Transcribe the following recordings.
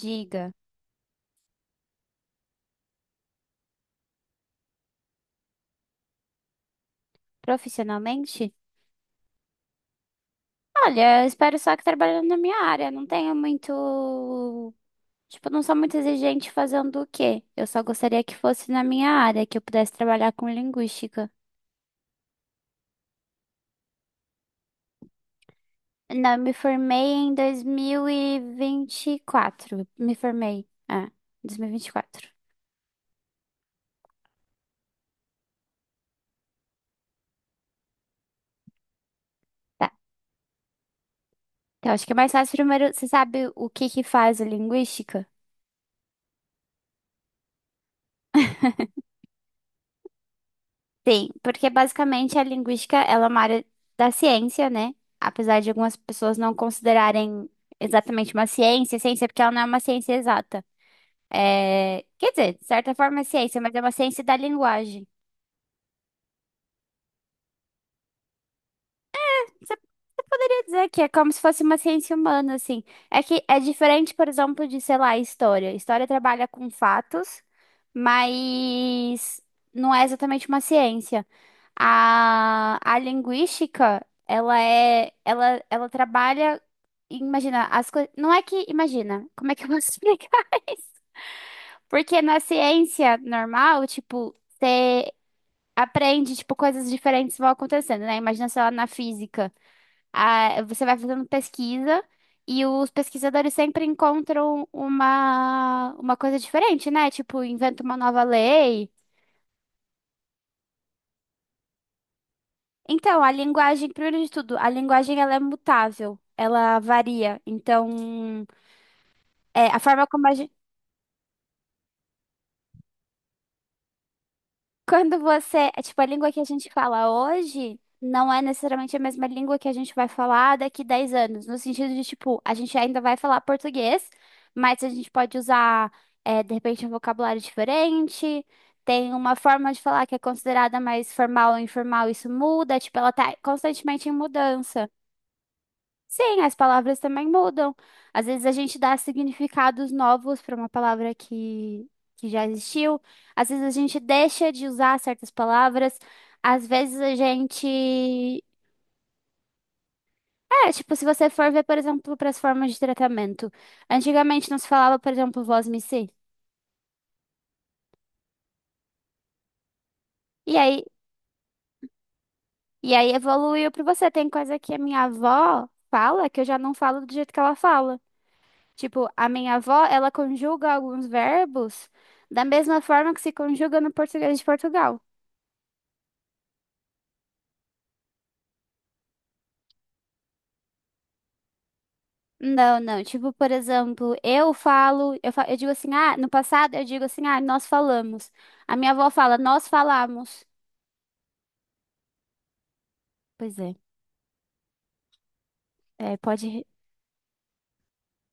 Diga, profissionalmente? Olha, eu espero só que trabalhando na minha área, não tenho muito. Tipo, não sou muito exigente fazendo o quê? Eu só gostaria que fosse na minha área, que eu pudesse trabalhar com linguística. Não, eu me formei em dois mil e vinte e quatro Me formei. 2024 Tá. Então, acho que é mais fácil primeiro. Você sabe o que que faz a linguística? Sim, porque basicamente a linguística, ela é uma área da ciência, né? Apesar de algumas pessoas não considerarem exatamente uma ciência, ciência porque ela não é uma ciência exata. É, quer dizer, de certa forma é ciência, mas é uma ciência da linguagem. Poderia dizer que é como se fosse uma ciência humana, assim. É que é diferente, por exemplo, de, sei lá, história. História trabalha com fatos, mas não é exatamente uma ciência. A linguística, ela trabalha, imagina, as coisas, não é que, imagina, como é que eu posso explicar isso? Porque na ciência normal, tipo, você aprende, tipo, coisas diferentes vão acontecendo, né? Imagina, sei lá, na física. Ah, você vai fazendo pesquisa e os pesquisadores sempre encontram uma coisa diferente, né? Tipo, inventa uma nova lei. Então, a linguagem, primeiro de tudo, a linguagem ela é mutável, ela varia. Então, a forma como a Quando você, tipo, a língua que a gente fala hoje não é necessariamente a mesma língua que a gente vai falar daqui 10 anos, no sentido de, tipo, a gente ainda vai falar português, mas a gente pode usar, de repente, um vocabulário diferente, tem uma forma de falar que é considerada mais formal ou informal, isso muda, tipo, ela tá constantemente em mudança. Sim, as palavras também mudam. Às vezes a gente dá significados novos para uma palavra que já existiu. Às vezes a gente deixa de usar certas palavras. Às vezes a gente. É, tipo, se você for ver, por exemplo, para as formas de tratamento. Antigamente não se falava, por exemplo, vós me si. E aí, e aí evoluiu para você. Tem coisa que a minha avó fala que eu já não falo do jeito que ela fala. Tipo, a minha avó, ela conjuga alguns verbos da mesma forma que se conjuga no português de Portugal. Não, não. Tipo, por exemplo, eu falo, eu, fa- eu digo assim, ah, no passado eu digo assim, ah, nós falamos. A minha avó fala, nós falamos. Pois é, é, pode,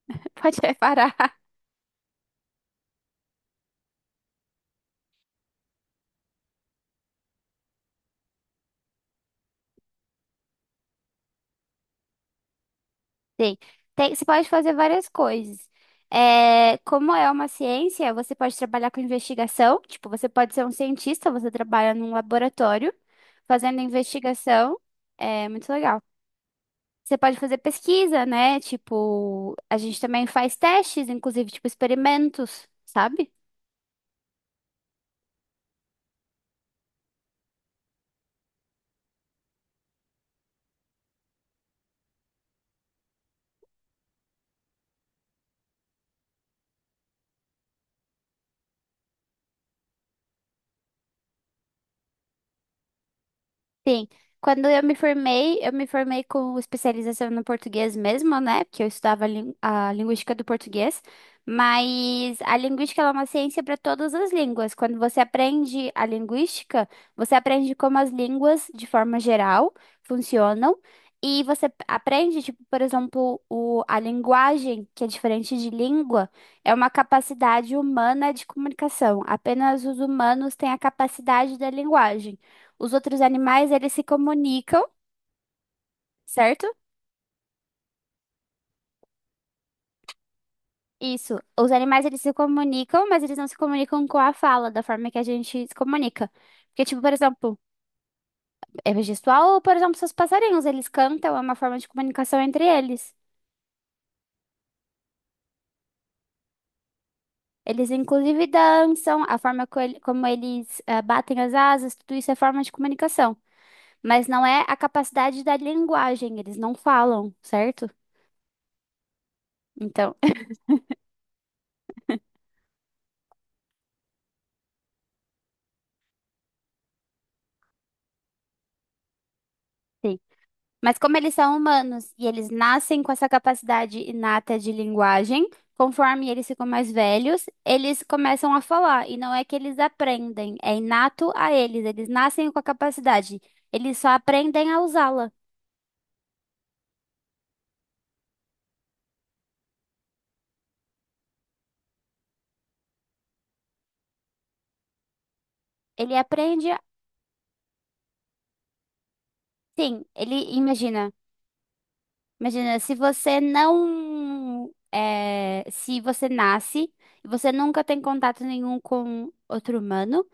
pode reparar. Sim. Tem, você pode fazer várias coisas. É, como é uma ciência, você pode trabalhar com investigação. Tipo, você pode ser um cientista, você trabalha num laboratório fazendo investigação. É muito legal. Você pode fazer pesquisa, né? Tipo, a gente também faz testes, inclusive, tipo, experimentos, sabe? Sim, quando eu me formei com especialização no português mesmo, né? Porque a linguística do português, mas a linguística ela é uma ciência para todas as línguas. Quando você aprende a linguística, você aprende como as línguas, de forma geral, funcionam, e aprende, tipo, por exemplo, o, a linguagem, que é diferente de língua, é uma capacidade humana de comunicação. Apenas os humanos têm a capacidade da linguagem. Os outros animais, eles se comunicam, certo? Isso. Os animais, eles se comunicam, mas eles não se comunicam com a fala, da forma que a gente se comunica. Porque, tipo, por exemplo, é gestual, ou, por exemplo, seus passarinhos, eles cantam, é uma forma de comunicação entre eles. Eles, inclusive, dançam, a forma co- ele- como eles batem as asas, tudo isso é forma de comunicação. Mas não é a capacidade da linguagem, eles não falam, certo? Então, mas como eles são humanos e eles nascem com essa capacidade inata de linguagem, conforme eles ficam mais velhos, eles começam a falar. E não é que eles aprendem, é inato a eles. Eles nascem com a capacidade. Eles só aprendem a usá-la. Ele aprende, a- sim, ele imagina. Imagina, se você nasce e você nunca tem contato nenhum com outro humano.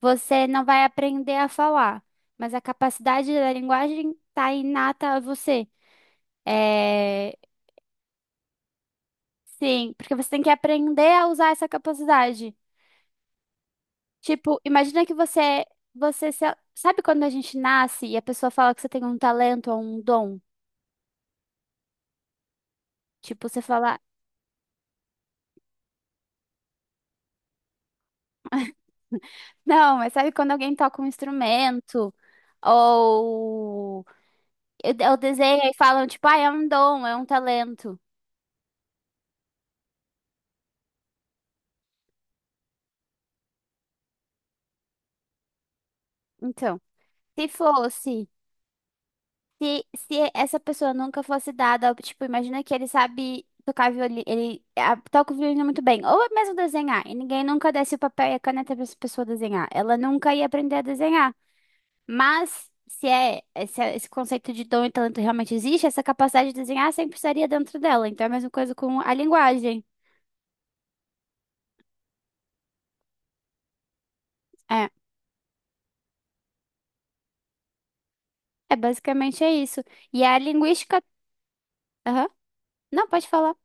Você não vai aprender a falar, mas a capacidade da linguagem está inata a você. É, sim, porque você tem que aprender a usar essa capacidade. Tipo, você se- sabe quando a gente nasce e a pessoa fala que você tem um talento ou um dom? Tipo, você fala, não, mas sabe quando alguém toca um instrumento ou eu desenho e falam, tipo, ah, é um dom, é um talento. Então, se fosse se essa pessoa nunca fosse dada, tipo, imagina que ele sabe tocar violino, ele ah, toca o violino muito bem, ou é mesmo desenhar, e ninguém nunca desse o papel e a caneta para essa pessoa desenhar. Ela nunca ia aprender a desenhar. Mas se é se é- esse conceito de dom e talento realmente existe, essa capacidade de desenhar sempre estaria dentro dela. Então é a mesma coisa com a linguagem. É, basicamente é isso. E a linguística, aham. Não, pode falar.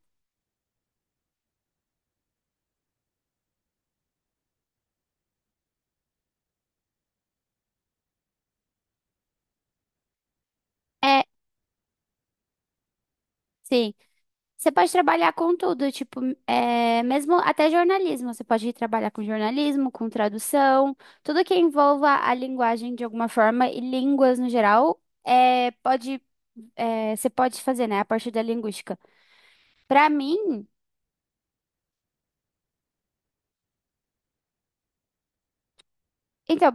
É, sim. Você pode trabalhar com tudo, tipo, mesmo até jornalismo. Você pode ir trabalhar com jornalismo, com tradução, tudo que envolva a linguagem de alguma forma e línguas no geral, é, pode, você pode fazer, né, a parte da linguística. Pra mim, então,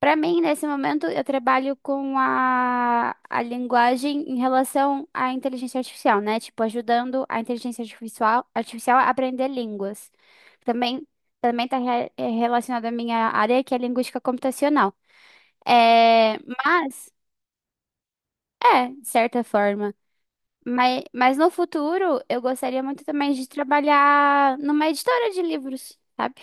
Para mim, nesse momento, eu trabalho com a linguagem em relação à inteligência artificial, né? Tipo, ajudando a inteligência artificial, artificial a aprender línguas. Também também está relacionado à minha área, que é linguística computacional. É, mas, de certa forma. Mas no futuro, eu gostaria muito também de trabalhar numa editora de livros, sabe?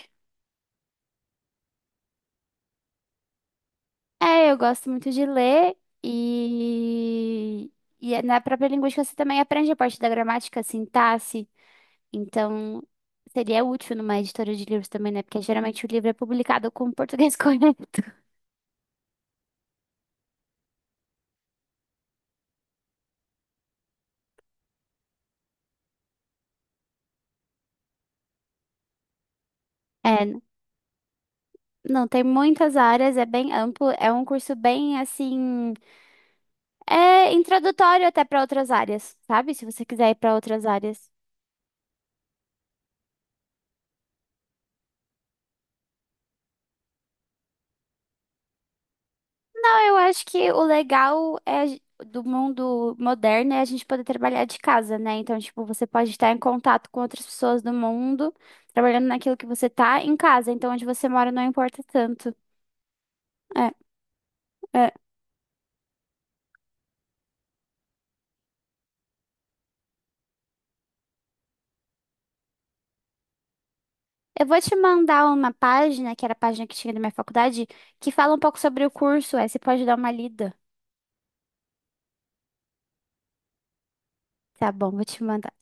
É, eu gosto muito de ler e, na própria linguística você também aprende a parte da gramática, sintaxe. Então, seria útil numa editora de livros também, né? Porque geralmente o livro é publicado com o português correto. É, n- não, tem muitas áreas, é bem amplo, é um curso bem assim, é introdutório até para outras áreas, sabe? Se você quiser ir para outras áreas. Não, eu acho que o legal é a gen- do mundo moderno é a gente poder trabalhar de casa, né? Então, tipo, você pode estar em contato com outras pessoas do mundo, trabalhando naquilo que você tá em casa. Então, onde você mora não importa tanto. É, é. Eu vou te mandar uma página, que era a página que tinha da minha faculdade, que fala um pouco sobre o curso. Aí você pode dar uma lida. Tá bom, vou te mandar.